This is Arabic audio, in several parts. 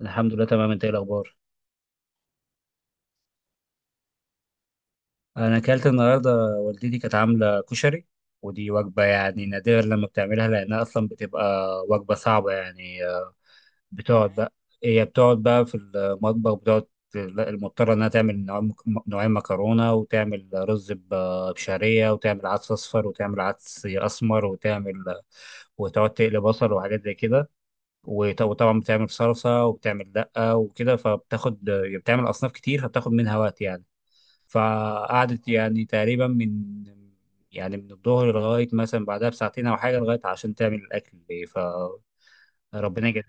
الحمد لله، تمام. انت ايه الاخبار؟ انا اكلت النهارده. والدتي كانت عامله كشري، ودي وجبه يعني نادرا لما بتعملها لانها اصلا بتبقى وجبه صعبه يعني بتقعد بقى هي بتقعد بقى في المطبخ بتقعد. لا، المضطره انها تعمل نوعين مكرونه، وتعمل رز بشعريه، وتعمل عدس اصفر، وتعمل عدس اسمر، وتعمل وتقعد تقلي بصل وحاجات زي كده. وطبعا بتعمل صلصه، وبتعمل دقه وكده، فبتاخد بتعمل اصناف كتير فبتاخد منها وقت يعني. فقعدت يعني تقريبا من الظهر لغاية مثلا بعدها بساعتين أو حاجة، لغاية عشان تعمل الأكل. فربنا يجزاك.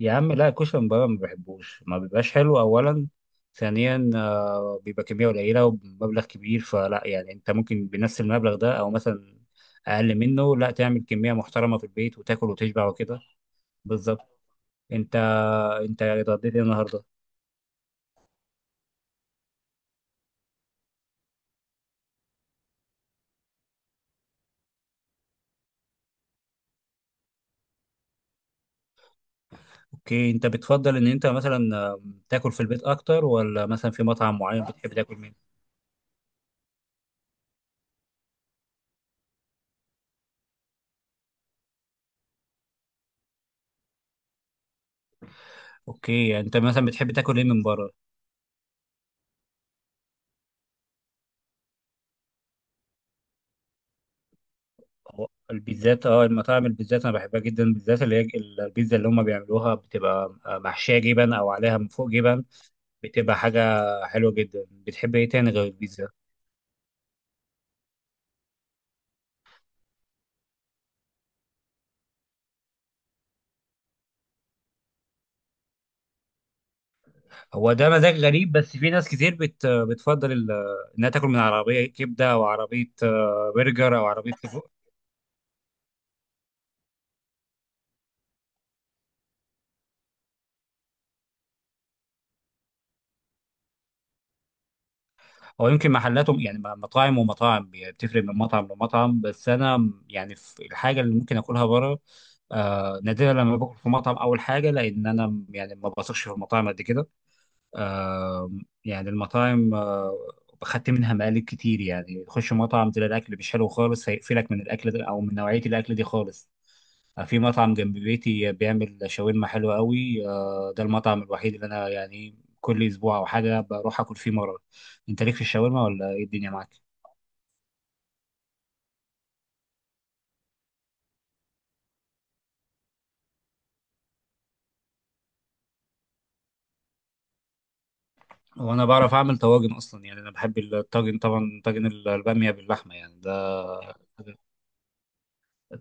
يا عم، لا الكشري من بره ما بحبوش، ما بيبقاش حلو أولا. ثانيا بيبقى كمية قليلة ومبلغ كبير، فلا يعني أنت ممكن بنفس المبلغ ده أو مثلا أقل منه، لا تعمل كمية محترمة في البيت وتاكل وتشبع وكده. بالظبط. أنت أنت يعني اتغديت إيه النهاردة؟ اوكي، انت بتفضل ان انت مثلا تاكل في البيت اكتر، ولا مثلا في مطعم معين بتحب تاكل منه؟ اوكي، يعني انت مثلا بتحب تاكل ايه من بره؟ هو البيتزات، المطاعم البيتزات انا بحبها جدا، بالذات اللي هي البيتزا اللي هم بيعملوها بتبقى محشيه جبن او عليها من فوق جبن. بتبقى حاجه حلوه جدا. بتحب ايه تاني غير البيتزا؟ هو ده مزاج غريب، بس في ناس كتير بتفضل انها تاكل من عربيه كبده، او عربيه برجر، او عربيه. هو يمكن محلاتهم يعني مطاعم ومطاعم بتفرق من مطعم لمطعم، بس انا يعني في الحاجه اللي ممكن اكلها بره. نادرا لما باكل في مطعم. اول حاجه، لان انا يعني ما بثقش في المطاعم قد كده. آم، يعني المطاعم خدت منها مقالب كتير. يعني تخش مطعم تلاقي الاكل مش حلو خالص، هيقفلك من الاكل ده او من نوعيه الاكل دي خالص. في مطعم جنب بيتي بيعمل شاورما حلوه قوي. ده المطعم الوحيد اللي انا يعني كل اسبوع او حاجه بروح اكل فيه مره. انت ليك في الشاورما ولا ايه الدنيا معاك؟ وانا بعرف اعمل طواجن اصلا، يعني انا بحب الطاجن طبعا. طاجن الباميه باللحمه يعني ده.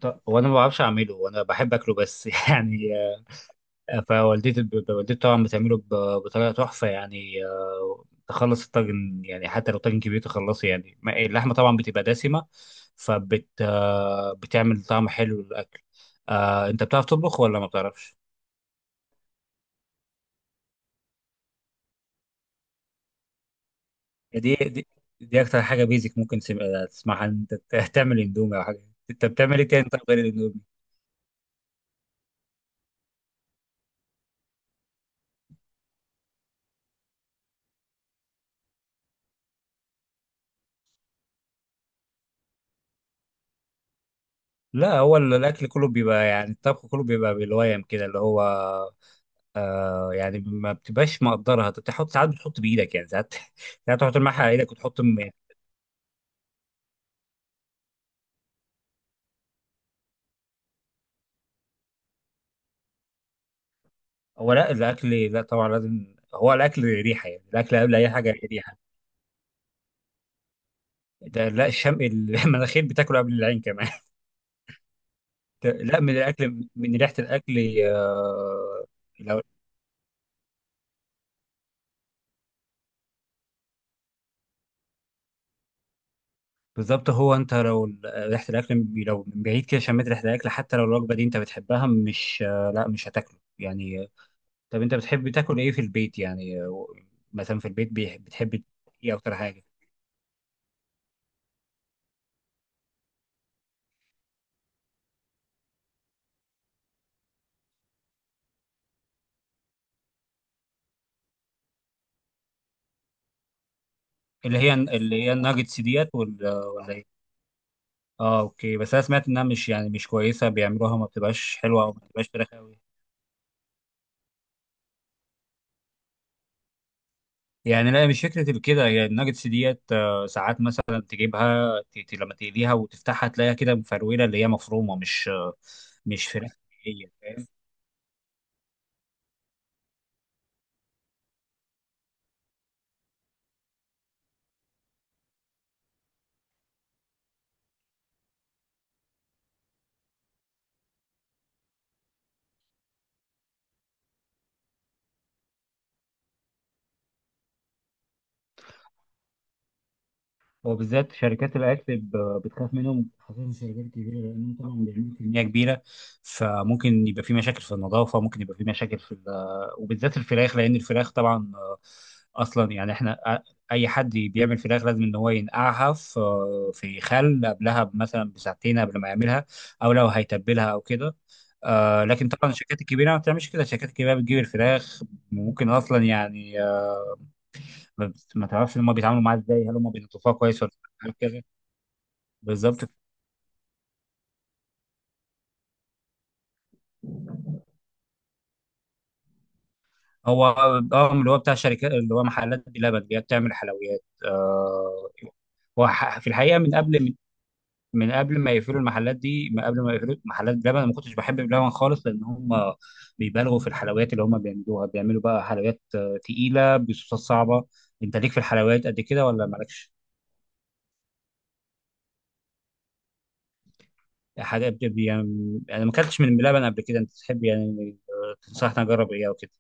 وانا ما بعرفش اعمله وانا بحب اكله بس يعني. فوالدتي طبعا بتعمله بطريقه تحفه يعني. تخلص الطاجن، يعني حتى لو طاجن كبير تخلصه، يعني اللحمه طبعا بتبقى دسمه، فبت آه، بتعمل طعم حلو للاكل. انت بتعرف تطبخ ولا ما بتعرفش؟ دي دي, دي اكتر حاجه بيزك ممكن تسمعها إن انت تعمل اندومي او حاجه. انت بتعمل ايه تاني طب غير الاندومي؟ لا، هو الاكل كله بيبقى يعني الطبخ كله بيبقى بالويم كده، اللي هو يعني ما بتبقاش مقدرها، انت بتحط ساعات، بتحط بايدك يعني ساعات ساعات تحط الملح على ايدك وتحط يعني. هو لا، الاكل لا طبعا لازم، هو الاكل ريحه يعني، الاكل قبل اي حاجه ريحه. ده لا، الشم المناخير بتاكله قبل العين كمان ده لا، من الاكل، من ريحه الاكل. آه لو بالظبط. هو انت لو ريحه الاكل لو من بعيد كده شميت ريحه الاكل، حتى لو الوجبه دي انت بتحبها، مش لا مش هتاكله يعني. طب انت بتحب تاكل ايه في البيت يعني مثلا في البيت بتحب ايه اكتر حاجه؟ اللي هي الناجتس ديت ولا ايه؟ اه اوكي، بس انا سمعت انها مش يعني مش كويسه بيعملوها، ما بتبقاش حلوه او ما بتبقاش فراخ قوي يعني. لا، مش فكره كده. هي الناجتس ديت ساعات مثلا تجيبها لما تقليها وتفتحها تلاقيها كده مفروله اللي هي مفرومه، مش مش فراخ. هي فاهم؟ وبالذات شركات الاكل بتخاف منهم، خاصه شركات كبيره لانهم طبعا بيعملوا كميه كبيره. فممكن يبقى في مشاكل في النظافه، ممكن يبقى في مشاكل في ال-. وبالذات الفراخ، لان الفراخ طبعا اصلا يعني احنا اي حد بيعمل فراخ لازم ان هو ينقعها في في خل، قبلها مثلا بساعتين قبل ما يعملها، او لو هيتبلها او كده. لكن طبعا الشركات الكبيره ما بتعملش كده. الشركات الكبيره بتجيب الفراخ، ممكن اصلا يعني ما تعرفش هم بيتعاملوا معاها ازاي، هل هم بينظفوها كويس ولا هل كذا. بالظبط. هو اه اللي هو بتاع شركات، اللي هو محلات بلبن اللي هي بتعمل حلويات هو في الحقيقه من قبل ما يقفلوا المحلات دي، من قبل ما يقفلوا محلات بلبن، أنا ما كنتش بحب بلبن خالص. لان هم بيبالغوا في الحلويات اللي هم بيعملوها. بيعملوا بقى حلويات تقيله بصوصات صعبه. انت ليك في الحلويات قد كده ولا مالكش؟ حاجه يعني انا ما اكلتش من بلبن قبل كده. انت تحب يعني تنصحني اجرب ايه او كده؟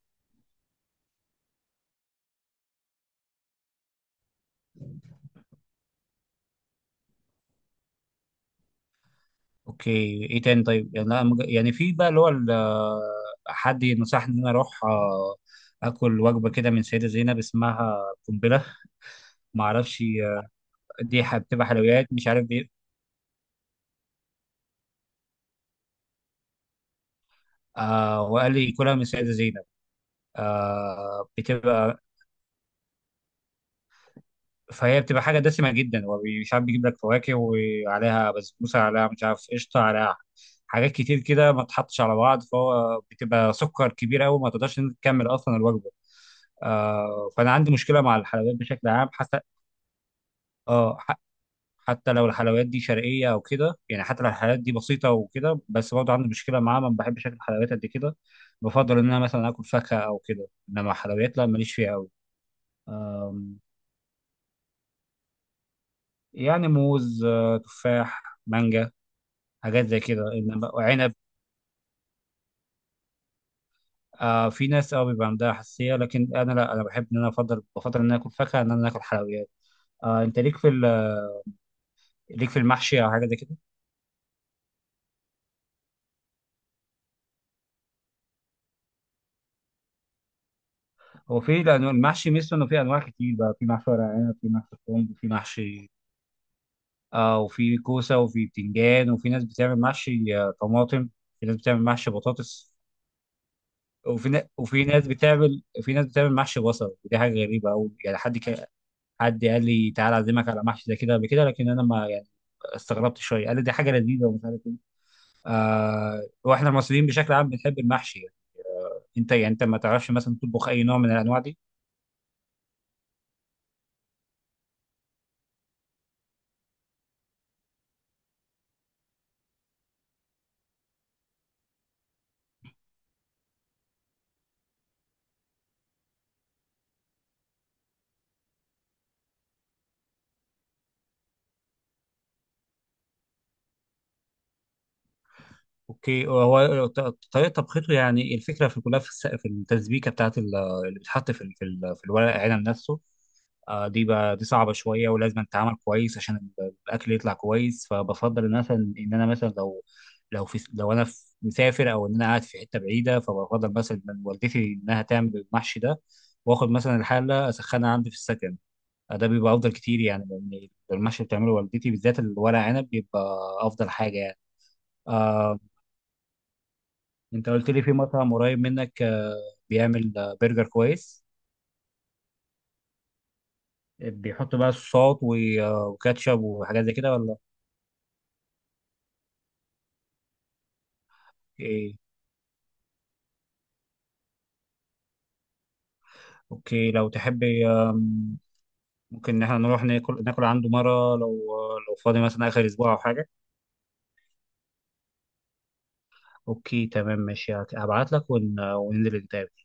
اوكي. ايه تاني طيب؟ يعني أنا يعني في بقى اللي هو حد نصحني ان انا اروح اكل وجبه كده من سيده زينب اسمها قنبله. ما اعرفش دي بتبقى حلويات مش عارف دي. وقال لي كلها من سيده زينب. آه بتبقى فهي بتبقى حاجه دسمه جدا، ومش عارف بيجيب لك فواكه وعليها بسبوسه، عليها مش عارف قشطه عليها، حاجات كتير كده ما تحطش على بعض، فهو بتبقى سكر كبير قوي، ما تقدرش إن أنت تكمل اصلا الوجبه. فانا عندي مشكله مع الحلويات بشكل عام حتى. اه ح- حتى لو الحلويات دي شرقيه او كده، يعني حتى لو الحلويات دي بسيطه وكده، بس برضه عندي مشكله معاها، ما بحبش اكل حلويات قد كده. بفضل ان انا مثلا اكل فاكهه او كده، انما حلويات لا ماليش فيها قوي. يعني موز، تفاح، مانجا، حاجات زي كده، انما وعنب. في ناس بيبقى عندها حساسيه، لكن انا لا، انا بحب ان انا افضل، بفضل ان انا اكل فاكهه ان انا اكل حلويات. انت ليك في المحشي او حاجه زي كده؟ هو في لانه المحشي ميزته انه في انواع كتير بقى. في محشي ورق عنب، في محشي كرنب، في محشي وفي كوسه، وفي بتنجان، وفي ناس بتعمل محشي طماطم، في ناس بتعمل محشي بطاطس، وفي ناس بتعمل محشي بصل. ودي حاجه غريبه قوي يعني، حد قال لي تعالى اعزمك على محشي زي كده قبل كده، لكن انا ما يعني استغربت شويه، قال لي دي حاجه لذيذه ومش عارف ايه. واحنا المصريين بشكل عام بنحب المحشي يعني. انت يعني انت ما تعرفش مثلا تطبخ اي نوع من الانواع دي؟ اوكي، هو طريقه طبخته يعني الفكره في كلها في في التسبيكه بتاعت اللي بتتحط في في الورق العنب نفسه. دي بقى دي صعبه شويه، ولازم تتعمل كويس عشان الاكل يطلع كويس. فبفضل مثلا ان انا مثلا لو انا مسافر، او ان انا قاعد في حته بعيده، فبفضل مثلا من والدتي انها تعمل المحشي ده. واخد مثلا الحله اسخنها عندي في السكن. ده بيبقى افضل كتير يعني لان المحشي اللي بتعمله والدتي، بالذات الورق عنب، بيبقى افضل حاجه يعني. آه، انت قلت لي في مطعم قريب منك بيعمل برجر كويس، بيحط بقى صوصات و- وكاتشب وحاجات زي كده ولا ايه؟ اوكي، لو تحب ممكن ان احنا نروح ناكل عنده مره، لو فاضي مثلا اخر اسبوع او حاجه. اوكي تمام ماشي، هبعت لك وننزل نتقابل.